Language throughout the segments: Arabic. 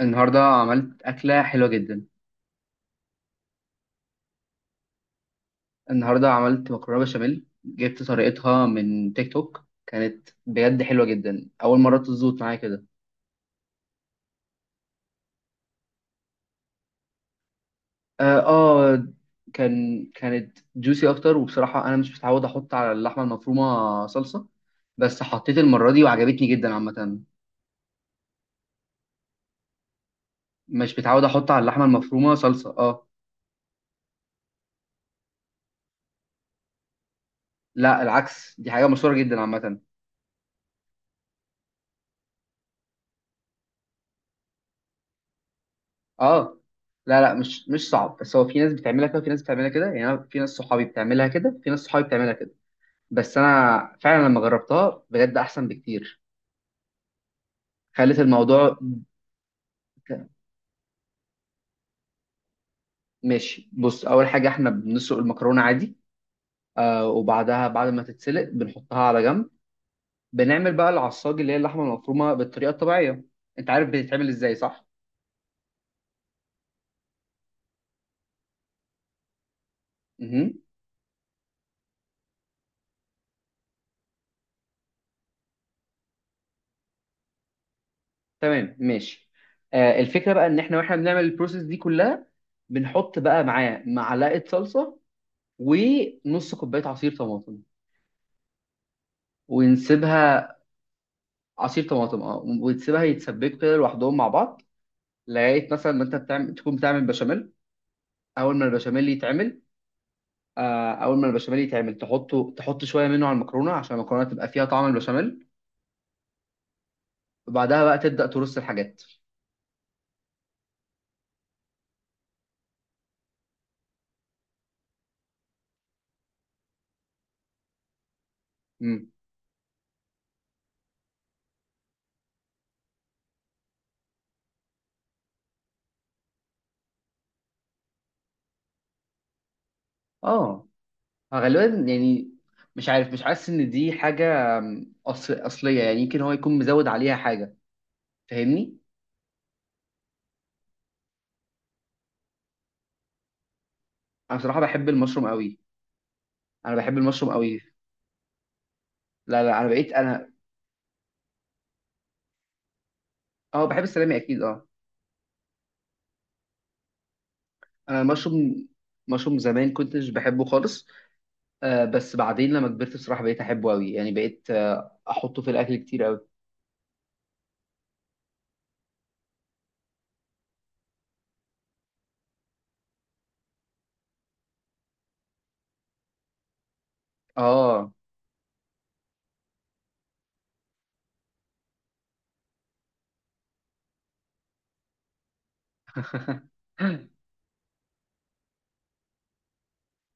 النهاردة عملت أكلة حلوة جدا. النهاردة عملت مكرونة بشاميل، جبت طريقتها من تيك توك. كانت بجد حلوة جدا، أول مرة تظبط معايا كده. آه. كانت جوسي أكتر، وبصراحة أنا مش متعود أحط على اللحمة المفرومة صلصة، بس حطيت المرة دي وعجبتني جدا عامة. مش متعود أحط على اللحمة المفرومة صلصة، آه. لا العكس، دي حاجة مشهورة جدا عامة. آه، لا مش صعب، بس هو في ناس بتعملها كده وفي ناس بتعملها كده. يعني أنا في ناس صحابي بتعملها كده، في ناس صحابي بتعملها كده. بس انا فعلا لما جربتها بجد احسن بكتير. خلت الموضوع. ماشي، بص، اول حاجه احنا بنسلق المكرونه عادي. آه، وبعدها بعد ما تتسلق بنحطها على جنب. بنعمل بقى العصاج، اللي هي اللحمه المفرومه بالطريقه الطبيعيه. انت عارف بتتعمل ازاي صح؟ مهم. تمام، ماشي. آه، الفكره بقى ان احنا واحنا بنعمل البروسيس دي كلها، بنحط بقى معاه معلقه صلصه ونص كوبايه عصير طماطم ونسيبها. عصير طماطم، اه، ونسيبها يتسبكوا كده لوحدهم مع بعض. لقيت مثلا ما انت بتعمل، تكون بتعمل بشاميل. اول ما البشاميل يتعمل، آه، اول ما البشاميل يتعمل تحطه، تحط شويه منه على المكرونه عشان المكرونه تبقى فيها طعم البشاميل. وبعدها بقى تبدا ترص الحاجات. امم اه. آه، غالبا. يعني مش عارف، مش حاسس ان دي حاجه، أصل اصليه. يعني يمكن هو يكون مزود عليها حاجه، فاهمني؟ انا بصراحه بحب المشروم قوي. انا بحب المشروم قوي. لا انا بقيت انا. اه، بحب السلامي اكيد، اه. انا المشروم، مشروم زمان كنتش بحبه خالص. آه، بس بعدين لما كبرت بصراحة بقيت أحبه أوي. يعني بقيت، آه، أحطه في الأكل كتير أوي. آه.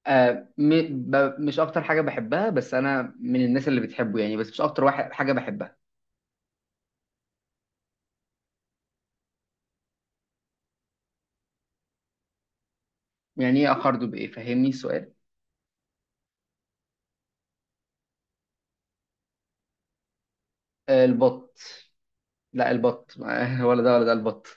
آه. مش أكتر حاجة بحبها، بس أنا من الناس اللي بتحبه. يعني بس مش أكتر واحد حاجة بحبها. يعني إيه أخرده بإيه؟ فهمني السؤال. آه، البط. لا البط ولا ده ولا ده، البط.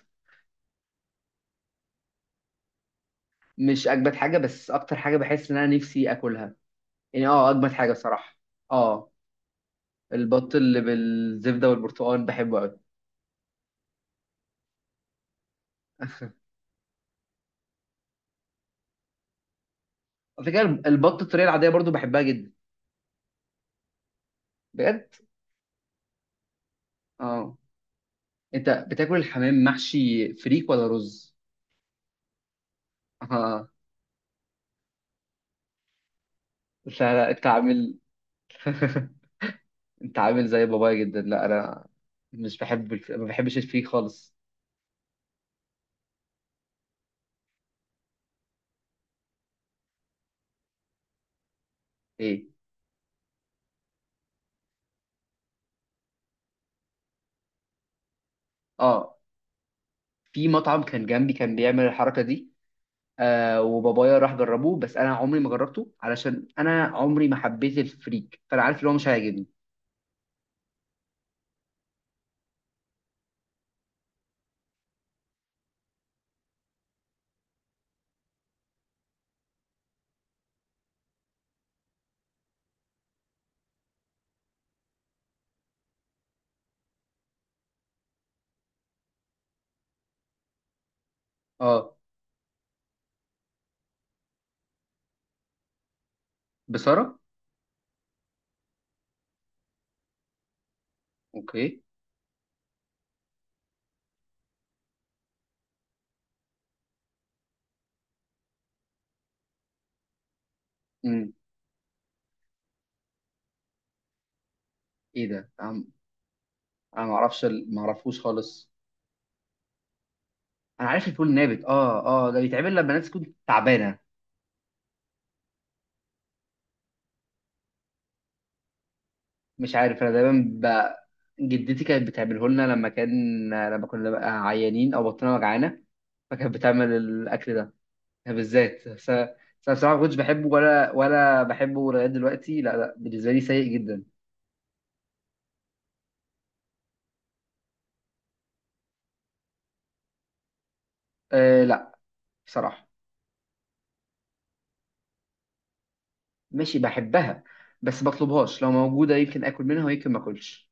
مش أجمد حاجة، بس أكتر حاجة بحس إن أنا نفسي آكلها. يعني آه، أجمد حاجة بصراحة. آه. البط اللي بالزبدة والبرتقال بحبه أوي. على فكرة البط الطريقة العادية برضو بحبها جدا. بجد. آه. انت بتاكل الحمام محشي فريك ولا رز؟ اه. لا انت عامل. انت عامل زي بابايا جدا. لا انا مش بحب ما بحبش الفريك خالص. ايه. اه، في مطعم كان جنبي كان بيعمل الحركه دي. آه، وبابايا راح جربه، بس انا عمري ما جربته، علشان انا عمري ما حبيت الفريك، فانا عارف اللي هو مش هيعجبني. اه. بصراحه. اوكي. امم. ايه ده؟ انا أنا ما اعرفش ما اعرفوش خالص. انا عارف الفول النابت، اه اه. ده بيتعمل لما الناس تكون تعبانه. مش عارف، انا دايما ب... جدتي كانت بتعمله لنا لما كان، لما كنا بقى عيانين او بطننا وجعانه، فكانت بتعمل الاكل ده بالذات. بس انا، بس أنا بصراحه ما كنتش بحبه، ولا بحبه لغايه دلوقتي. لا بالنسبه لي سيء جدا. أه، لا، بصراحه. ماشي بحبها. بس بطلبهاش، لو موجوده يمكن اكل منها ويمكن ما اكلش.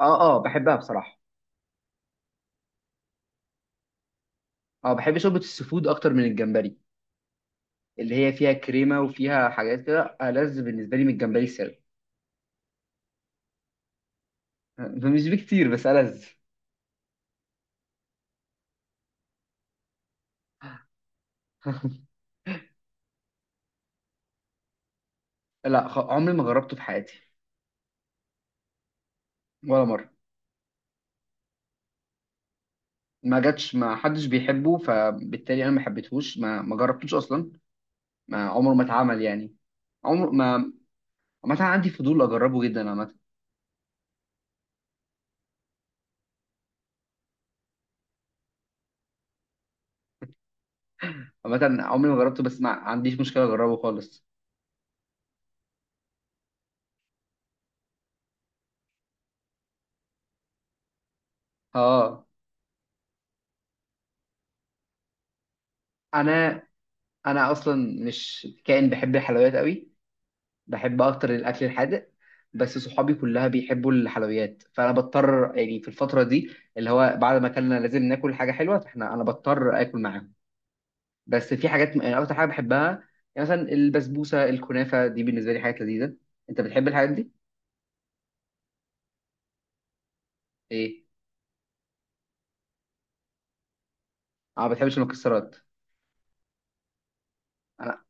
اه. اه بحبها بصراحه. اه، بحب شوربه السفود اكتر من الجمبري، اللي هي فيها كريمه وفيها حاجات كده، ألذ بالنسبه لي من الجمبري السري. مش بكتير، بس ألذ. لا خ- عمري ما جربته في حياتي. ولا مره. ما جاتش، ما حدش بيحبه، فبالتالي انا ما حبيتهوش، ما جربتوش اصلا. ما عمره ما اتعمل يعني. عمر ما. عامه عندي فضول اجربه جدا عامه. عامه عمري ما جربته، بس ما عنديش مشكله اجربه خالص. اه. انا انا اصلا مش كائن بحب الحلويات قوي، بحب اكتر الاكل الحادق. بس صحابي كلها بيحبوا الحلويات، فانا بضطر يعني في الفتره دي، اللي هو بعد ما اكلنا لازم ناكل حاجه حلوه، فاحنا انا بضطر اكل معاهم. بس في حاجات يعني اكتر حاجه بحبها، يعني مثلا البسبوسه، الكنافه، دي بالنسبه لي حاجات لذيذه. انت بتحب الحاجات دي؟ ايه. اه، ما بتحبش المكسرات. انا.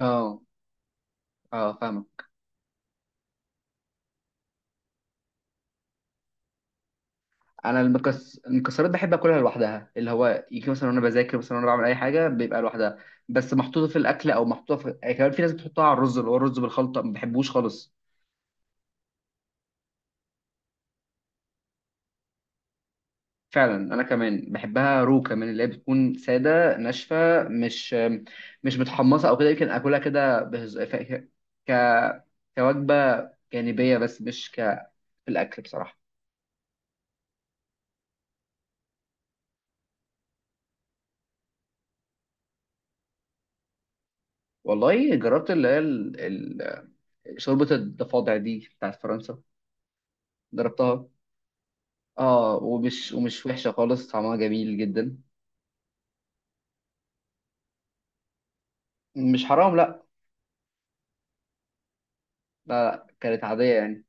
اه اه فاهمك. انا المكسرات بحب اكلها لوحدها، اللي هو يجي مثلا وانا بذاكر، مثلا وانا بعمل اي حاجه، بيبقى لوحدها. بس محطوطه في الاكل او محطوطه في، يعني كمان في ناس بتحطها على الرز، اللي هو الرز بالخلطه، ما بحبوش خالص. فعلا انا كمان بحبها رو كمان، اللي هي بتكون ساده ناشفه، مش مش متحمصه او كده، يمكن اكلها كده ك كوجبه جانبيه، بس مش ك في الاكل بصراحه. والله جربت، اللي هي شوربه الضفادع دي بتاعت فرنسا، جربتها. اه، ومش وحشه خالص، طعمها جميل جدا. مش حرام، لا. لا, لا. كانت عاديه يعني.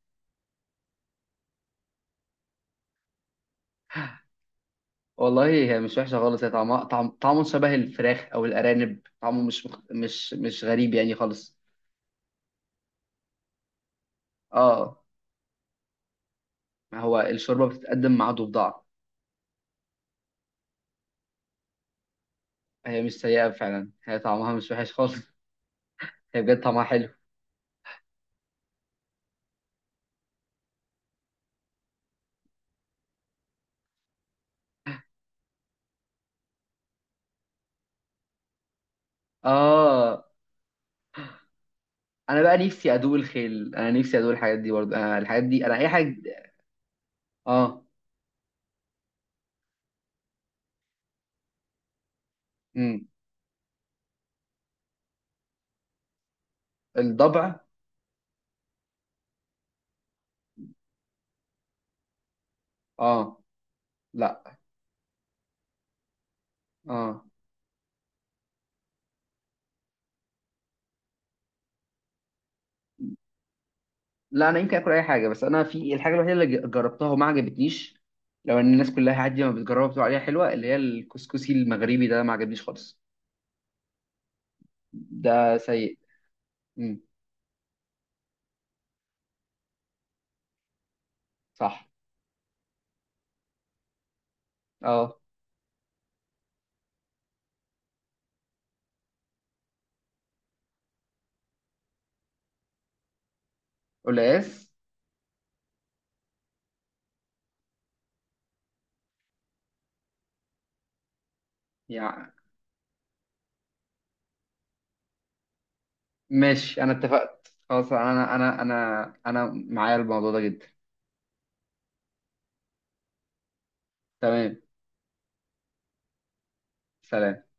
والله هي مش وحشه خالص، هي طعمها، طعمه شبه الفراخ او الارانب. طعمه مش غريب يعني خالص. اه. ما هو الشوربه بتتقدم مع ضفدع. هي مش سيئه فعلا، هي طعمها مش وحش خالص. هي بجد طعمها حلو. اه. انا بقى نفسي ادوق الخيل، انا نفسي ادوق الحاجات دي برضه. انا الحاجات دي، انا اي حاجه. اه. امم. الضبع. اه. لا. اه. لا انا يمكن اكل اي حاجه، بس انا في الحاجه الوحيده اللي جربتها وما عجبتنيش، لو ان الناس كلها عادي ما بتجربها بتقول عليها حلوه، اللي هي الكسكسي المغربي ده ما عجبنيش خالص. ده سيء. امم. صح. اه. قلقاس. يعني ماشي، انا اتفقت خلاص، انا انا معايا الموضوع ده جدا. تمام. سلام.